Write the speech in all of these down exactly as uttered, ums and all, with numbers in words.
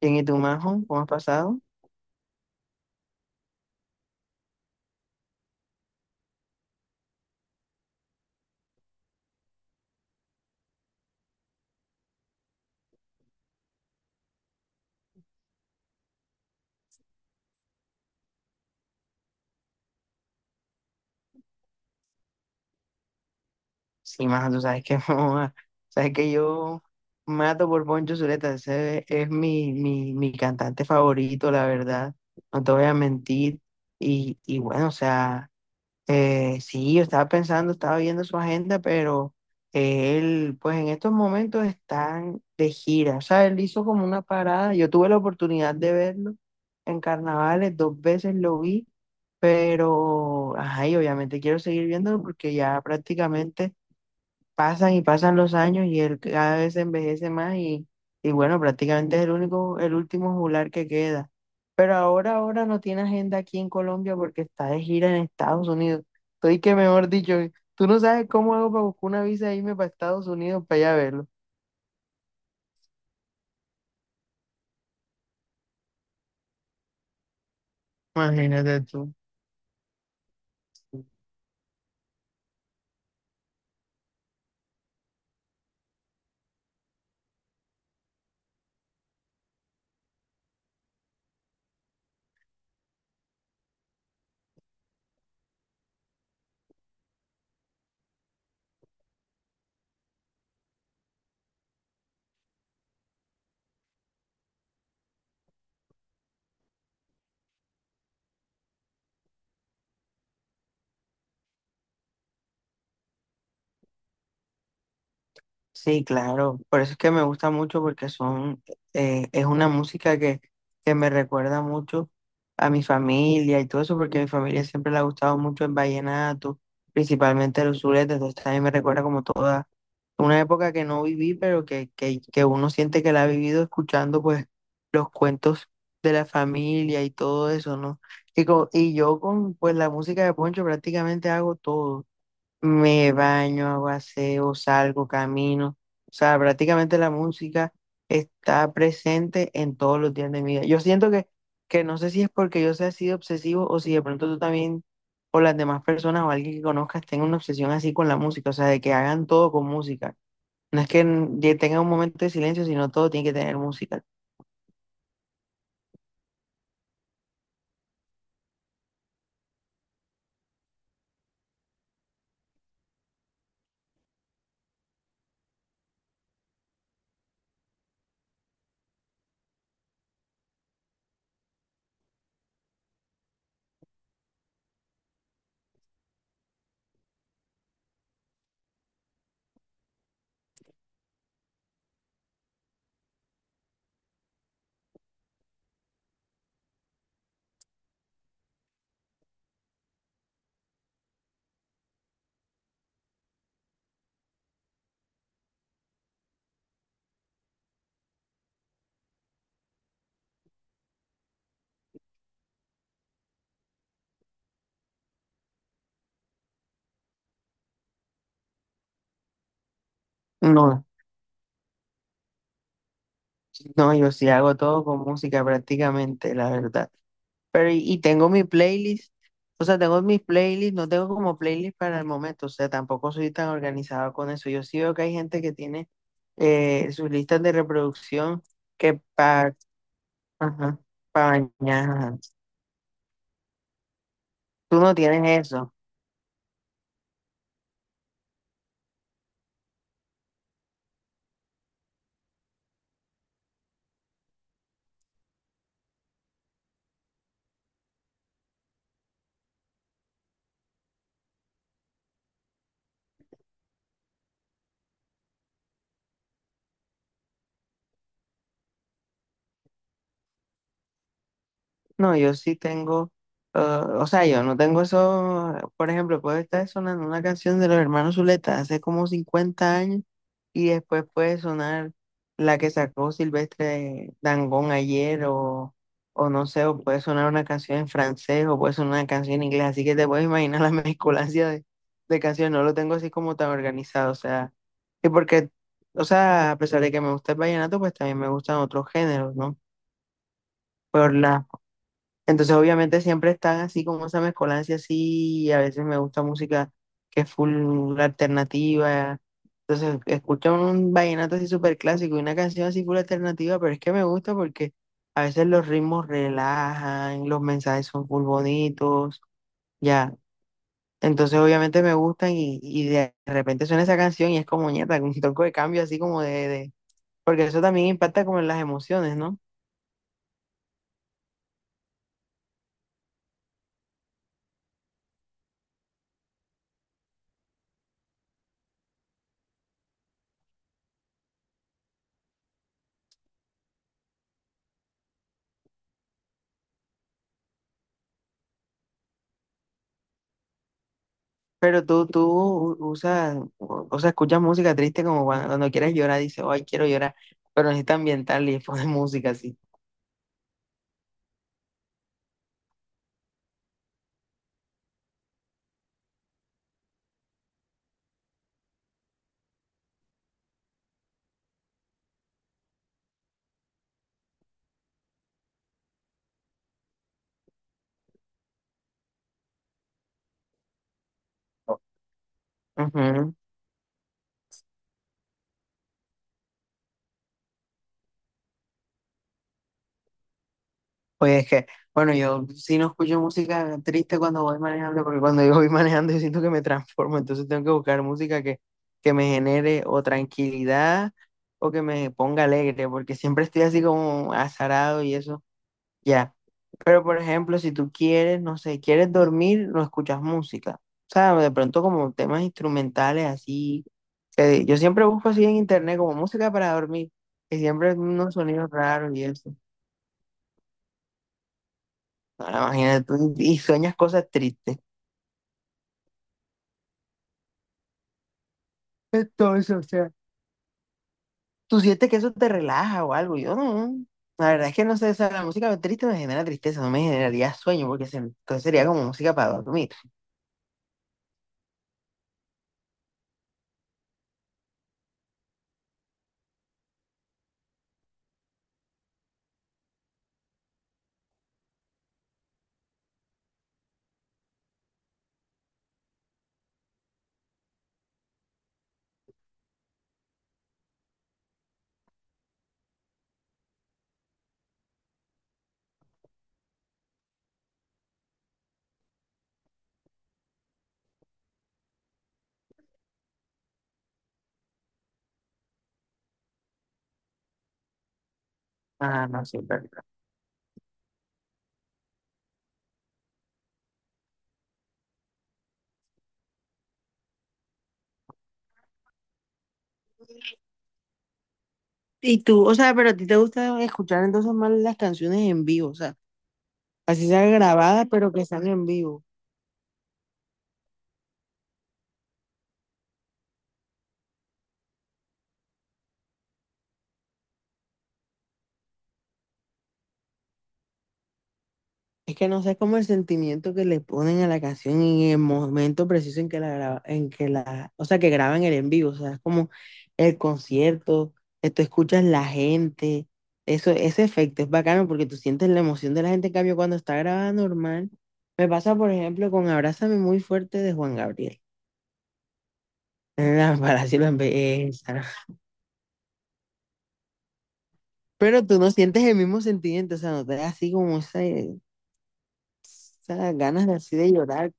Bien, ¿y tú, Majo? ¿Cómo has pasado? Sí, Majo, tú sabes que, joa, sabes que yo mato por Poncho Zuleta. Ese es mi, mi, mi cantante favorito, la verdad. No te voy a mentir. Y, y bueno, o sea. Eh, sí, yo estaba pensando, estaba viendo su agenda, pero él, pues en estos momentos están de gira. O sea, él hizo como una parada. Yo tuve la oportunidad de verlo en carnavales, dos veces lo vi, pero, ajá, y obviamente quiero seguir viéndolo porque ya prácticamente pasan y pasan los años y él cada vez se envejece más y, y bueno, prácticamente es el único, el último juglar que queda. Pero ahora, ahora no tiene agenda aquí en Colombia porque está de gira en Estados Unidos. Estoy que mejor dicho, tú no sabes cómo hago para buscar una visa e irme para Estados Unidos para allá verlo. Imagínate tú. Sí, claro, por eso es que me gusta mucho porque son, eh, es una música que, que me recuerda mucho a mi familia y todo eso, porque a mi familia siempre le ha gustado mucho el vallenato, principalmente los zuletes, entonces también me recuerda como toda una época que no viví, pero que, que, que uno siente que la ha vivido escuchando pues los cuentos de la familia y todo eso, ¿no? Y, co- y yo con pues la música de Poncho prácticamente hago todo. Me baño, hago aseo, salgo, camino. O sea, prácticamente la música está presente en todos los días de mi vida. Yo siento que, que no sé si es porque yo sea así de obsesivo o si de pronto tú también o las demás personas o alguien que conozcas tenga una obsesión así con la música. O sea, de que hagan todo con música. No es que n- de- tenga un momento de silencio, sino todo tiene que tener música. No, no, yo sí hago todo con música prácticamente, la verdad. Pero y, y tengo mi playlist, o sea, tengo mis playlists, no tengo como playlist para el momento, o sea, tampoco soy tan organizado con eso. Yo sí veo que hay gente que tiene eh, sus listas de reproducción que para mañana. Tú no tienes eso. No, yo sí tengo, ah, o sea, yo no tengo eso, por ejemplo, puede estar sonando una canción de los hermanos Zuleta hace como cincuenta años y después puede sonar la que sacó Silvestre Dangond ayer o, o no sé, o puede sonar una canción en francés o puede sonar una canción en inglés, así que te puedes imaginar la mezcolancia de, de canciones, no lo tengo así como tan organizado, o sea, y porque, o sea, a pesar de que me gusta el vallenato, pues también me gustan otros géneros, ¿no? Por las entonces, obviamente, siempre están así como esa mezcolancia así. Y a veces me gusta música que es full alternativa. Entonces, escucho un vallenato así súper clásico y una canción así full alternativa, pero es que me gusta porque a veces los ritmos relajan, los mensajes son full bonitos, ya. Entonces, obviamente, me gustan y, y de repente suena esa canción y es como ñeta, un toque de cambio así como de, de. Porque eso también impacta como en las emociones, ¿no? Pero tú, tú u- usas, o o sea, escuchas música triste como cuando, cuando quieres llorar, dices, ay, quiero llorar, pero necesitas ambiental y pones música así. Ujú. Oye, es que, bueno, yo sí no escucho música triste cuando voy manejando, porque cuando yo voy manejando yo siento que me transformo, entonces tengo que buscar música que, que me genere o tranquilidad o que me ponga alegre, porque siempre estoy así como azarado y eso. Ya. Pero por ejemplo, si tú quieres, no sé, quieres dormir, no escuchas música. O sea, de pronto como temas instrumentales así, que yo siempre busco así en internet como música para dormir. Y siempre unos sonidos raros y eso. Ahora imagínate tú y, y sueñas cosas tristes. Entonces, o sea, tú sientes que eso te relaja o algo. Yo no. La verdad es que no sé, o sea, la música triste me genera tristeza, no me generaría sueño, porque se- entonces sería como música para dormir. Ah, no sé. Y tú, o sea, pero a ti te gusta escuchar entonces más las canciones en vivo, o sea, así sea grabadas, pero que sean en vivo. Es que no sé cómo el sentimiento que le ponen a la canción en el momento preciso en que la graba- en que la, o sea, que graban el en vivo, o sea, es como el concierto, eh, tú escuchas la gente, eso, ese efecto es bacano porque tú sientes la emoción de la gente, en cambio, cuando está grabada normal, me pasa, por ejemplo, con Abrázame muy fuerte de Juan Gabriel. Para si lo. Pero tú no sientes el mismo sentimiento, o sea, no te da así como esa, esas ganas de así de llorar.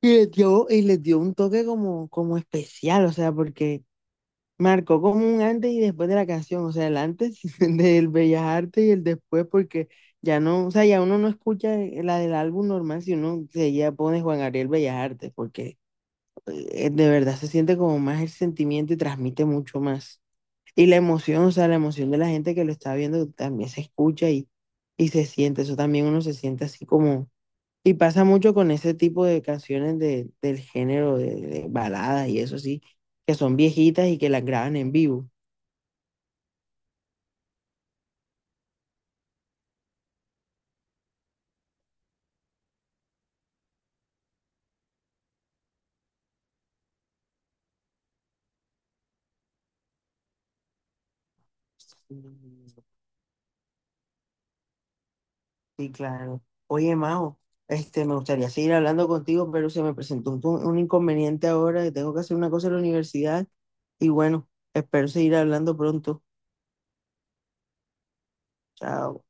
Y les dio, y les dio un toque como, como especial, o sea, porque marcó como un antes y después de la canción, o sea, el antes del Bellas Artes y el después, porque ya no, o sea, ya uno no escucha la del álbum normal si uno se ya pone Juan Gabriel Bellas Artes, porque eh, de verdad se siente como más el sentimiento y transmite mucho más. Y la emoción, o sea, la emoción de la gente que lo está viendo también se escucha y, y se siente, eso también uno se siente así como... Y pasa mucho con ese tipo de canciones de, del género de, de baladas y eso sí, que son viejitas y que las graban en vivo. Sí, claro. Oye, Mao, este, me gustaría seguir hablando contigo, pero se me presentó un, un inconveniente ahora, que tengo que hacer una cosa en la universidad y bueno, espero seguir hablando pronto. Chao.